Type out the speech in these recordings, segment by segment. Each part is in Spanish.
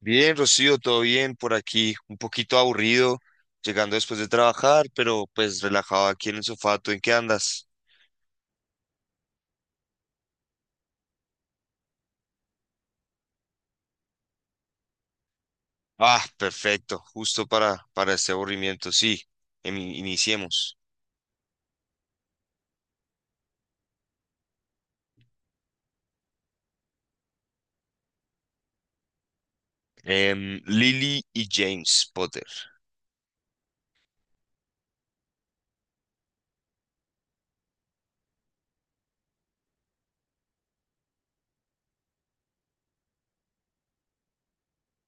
Bien, Rocío, todo bien por aquí, un poquito aburrido, llegando después de trabajar, pero pues relajado aquí en el sofá. ¿Tú en qué andas? Ah, perfecto, justo para este aburrimiento, sí. Iniciemos. Lily y James Potter.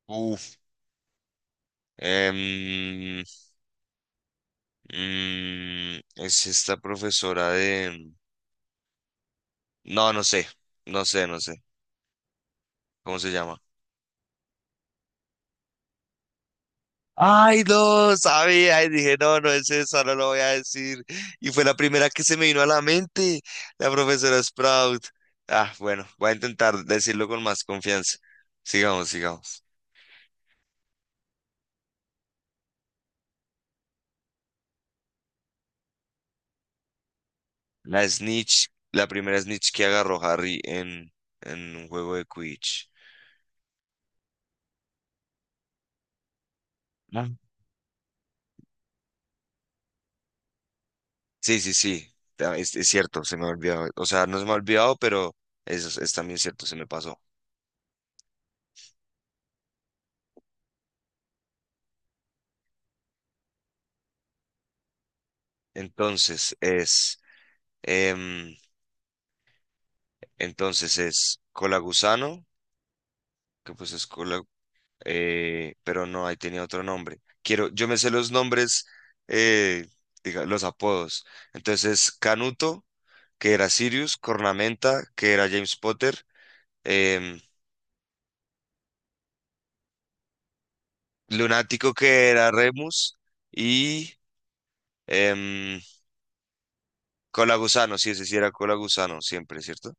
Uf, em, es esta profesora de... No, no sé, no sé, no sé. ¿Cómo se llama? Ay, no, sabía, y dije, no, no es eso. No lo voy a decir. Y fue la primera que se me vino a la mente, la profesora Sprout. Ah, bueno, voy a intentar decirlo con más confianza. Sigamos, sigamos. La snitch, la primera snitch que agarró Harry en un juego de Quidditch. Ah. Sí, sí, sí, es cierto, se me ha olvidado. O sea, no se me ha olvidado, pero es también cierto, se me pasó. Entonces es, em, entonces es Colagusano que pues es cola, pero no, ahí tenía otro nombre. Quiero, yo me sé los nombres, eh, diga, los apodos. Entonces, Canuto, que era Sirius, Cornamenta, que era James Potter, em, Lunático, que era Remus, y em, Cola Gusano, sí, ese sí era Cola Gusano, siempre, ¿cierto?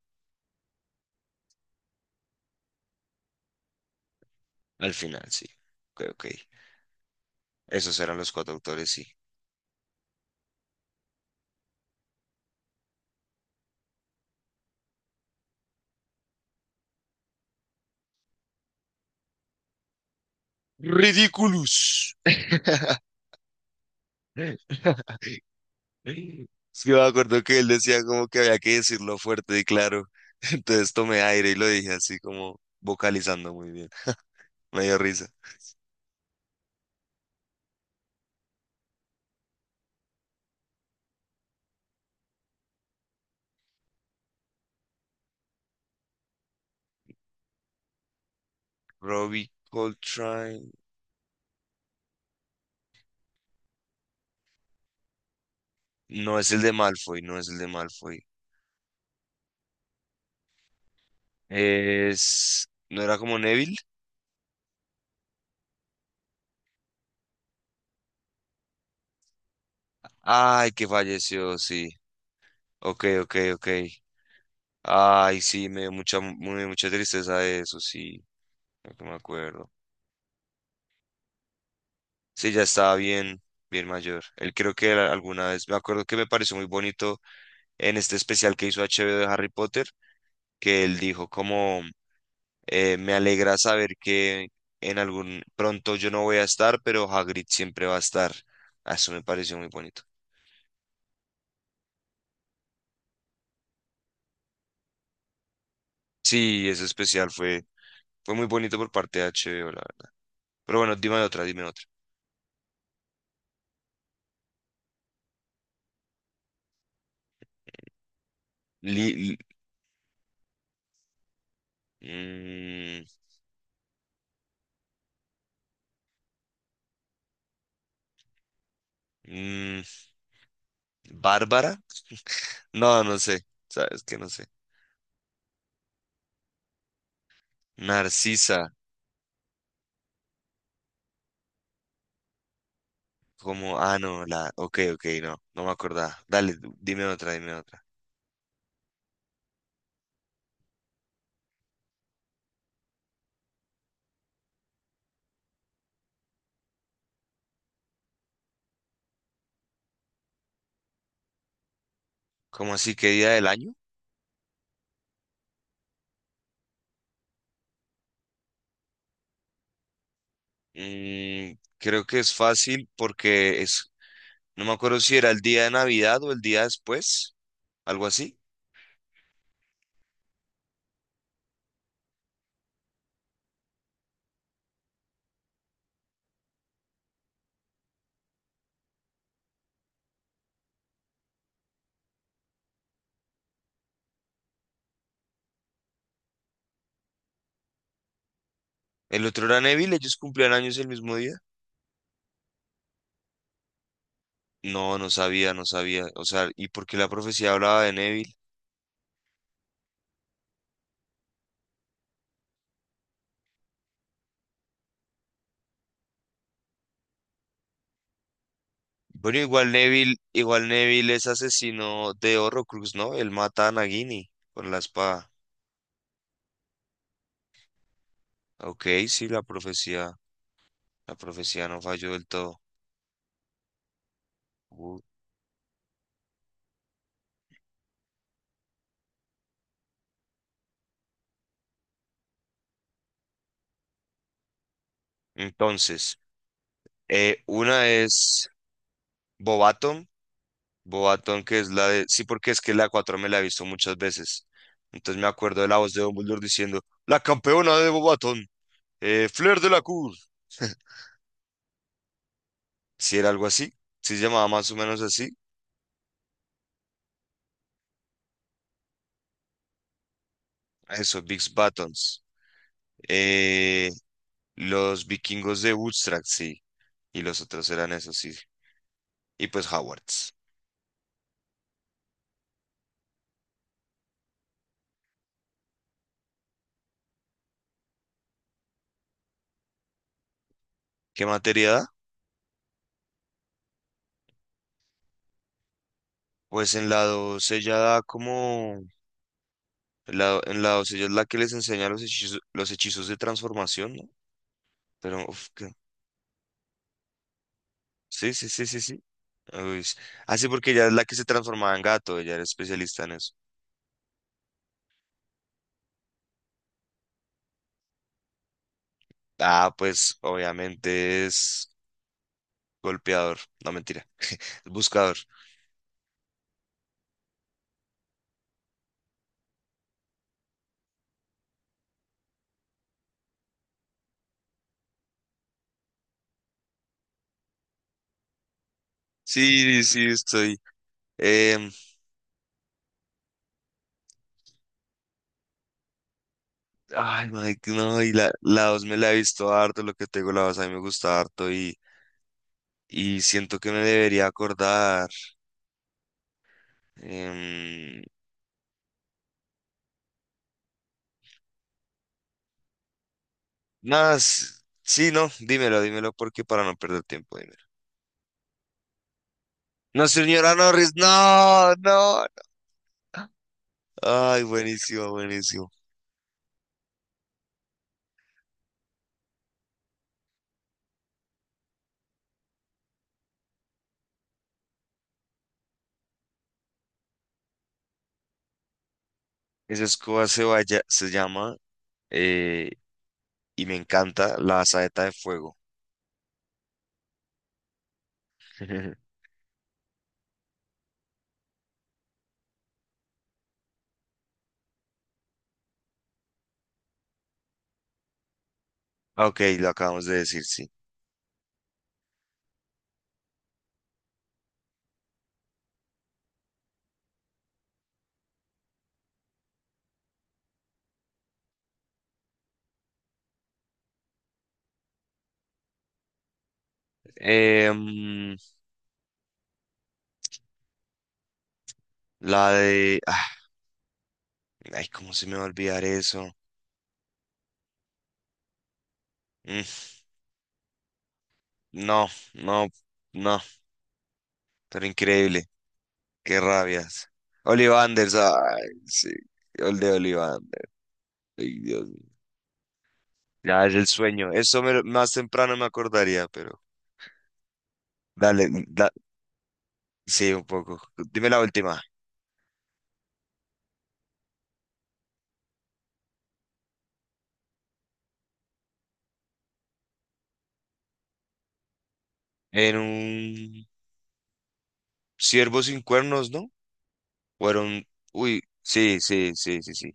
Al final, sí. Ok, ok. Esos eran los cuatro autores, sí. Ridiculous. Sí, me acuerdo que él decía como que había que decirlo fuerte y claro. Entonces tomé aire y lo dije así como vocalizando muy bien. Me dio risa. Robbie Coltrane. No es el de Malfoy, no es el de Malfoy. Es... ¿No era como Neville? Ay, que falleció, sí. Ok, ok, ok. Ay, sí, me dio mucha, muy, mucha tristeza eso, sí. Creo que me acuerdo. Sí, ya estaba bien, bien mayor. Él creo que era alguna vez, me acuerdo que me pareció muy bonito en este especial que hizo H. HBO de Harry Potter, que él dijo como, me alegra saber que en algún pronto yo no voy a estar, pero Hagrid siempre va a estar. Ah, eso me pareció muy bonito. Sí, ese especial fue muy bonito por parte de H. HBO, la verdad. Pero bueno, dime otra, dime otra. Li- li- mm, mm, ¿Bárbara? No, no sé. Sabes que no sé. Narcisa. Como, ah, no, la. Ok, ok, no, no me acordaba. Dale, dime otra, dime otra. ¿Cómo así? ¿Qué día del año? Mm, Creo que es fácil porque es, no me acuerdo si era el día de Navidad o el día después, algo así. El otro era Neville, ellos cumplían años el mismo día. No, no sabía, no sabía. O sea, ¿y por qué la profecía hablaba de Neville? Bueno, igual Neville es asesino de Horrocrux, ¿no? Él mata a Nagini con la espada. Ok, sí, la profecía no falló del todo. Uh, Entonces, una es Bobaton Boatón, que es la de... Sí, porque es que la 4 me la he visto muchas veces. Entonces me acuerdo de la voz de Dumbledore diciendo, la campeona de Bobatón, Flair de la Cour. Si era algo así, si se llamaba más o menos así. Eso, Bigs Buttons. Eh, los vikingos de Woodstock, sí. Y los otros eran esos, sí. Y pues Howards. ¿Qué materia da? Pues en la 2 ella da como... en la 2 ella es la que les enseña los hechizos, de transformación, ¿no? Pero, uf, sí, sí, sí, sí, sí. Uy, así porque ella es la que se transformaba en gato, ella era especialista en eso. Ah, pues obviamente es golpeador, no mentira, es buscador. Sí, sí, estoy. em, Ay, Mike, no, y la dos me la he visto harto, lo que tengo la dos a mí me gusta harto y siento que me debería acordar. em, Nada, sí, no, dímelo, dímelo porque para no perder tiempo, dímelo. No, señora Norris, no, no, no. Ay, buenísimo, buenísimo. Esa escoba vaya, se llama, eh, y me encanta, la saeta de fuego. Ah, ok, lo acabamos de decir, sí. Em, la de... ah, ay, ¿cómo se me va a olvidar eso? Mm, no, no, no, pero increíble. Qué rabias. Olivanders, ay, sí. El de Ollivander, ay, Dios mío. Ya es el sueño. Eso más temprano me acordaría, pero... Dale, sí, un poco. Dime la última. En un Siervos sin cuernos, ¿no? Fueron, uy, sí, sí, sí, sí, sí,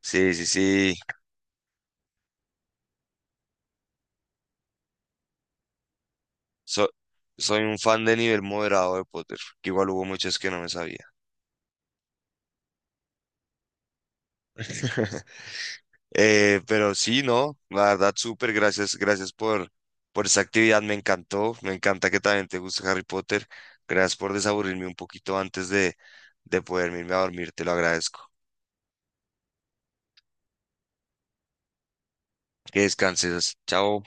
sí, sí, sí. So- Soy un fan de nivel moderado de Potter, que igual hubo muchas que no me sabía. Pero sí, no, la verdad, súper, gracias por esa actividad, me encantó, me encanta que también te guste Harry Potter. Gracias por desaburrirme un poquito antes de poderme irme a dormir, te lo agradezco. Que descanses, chao.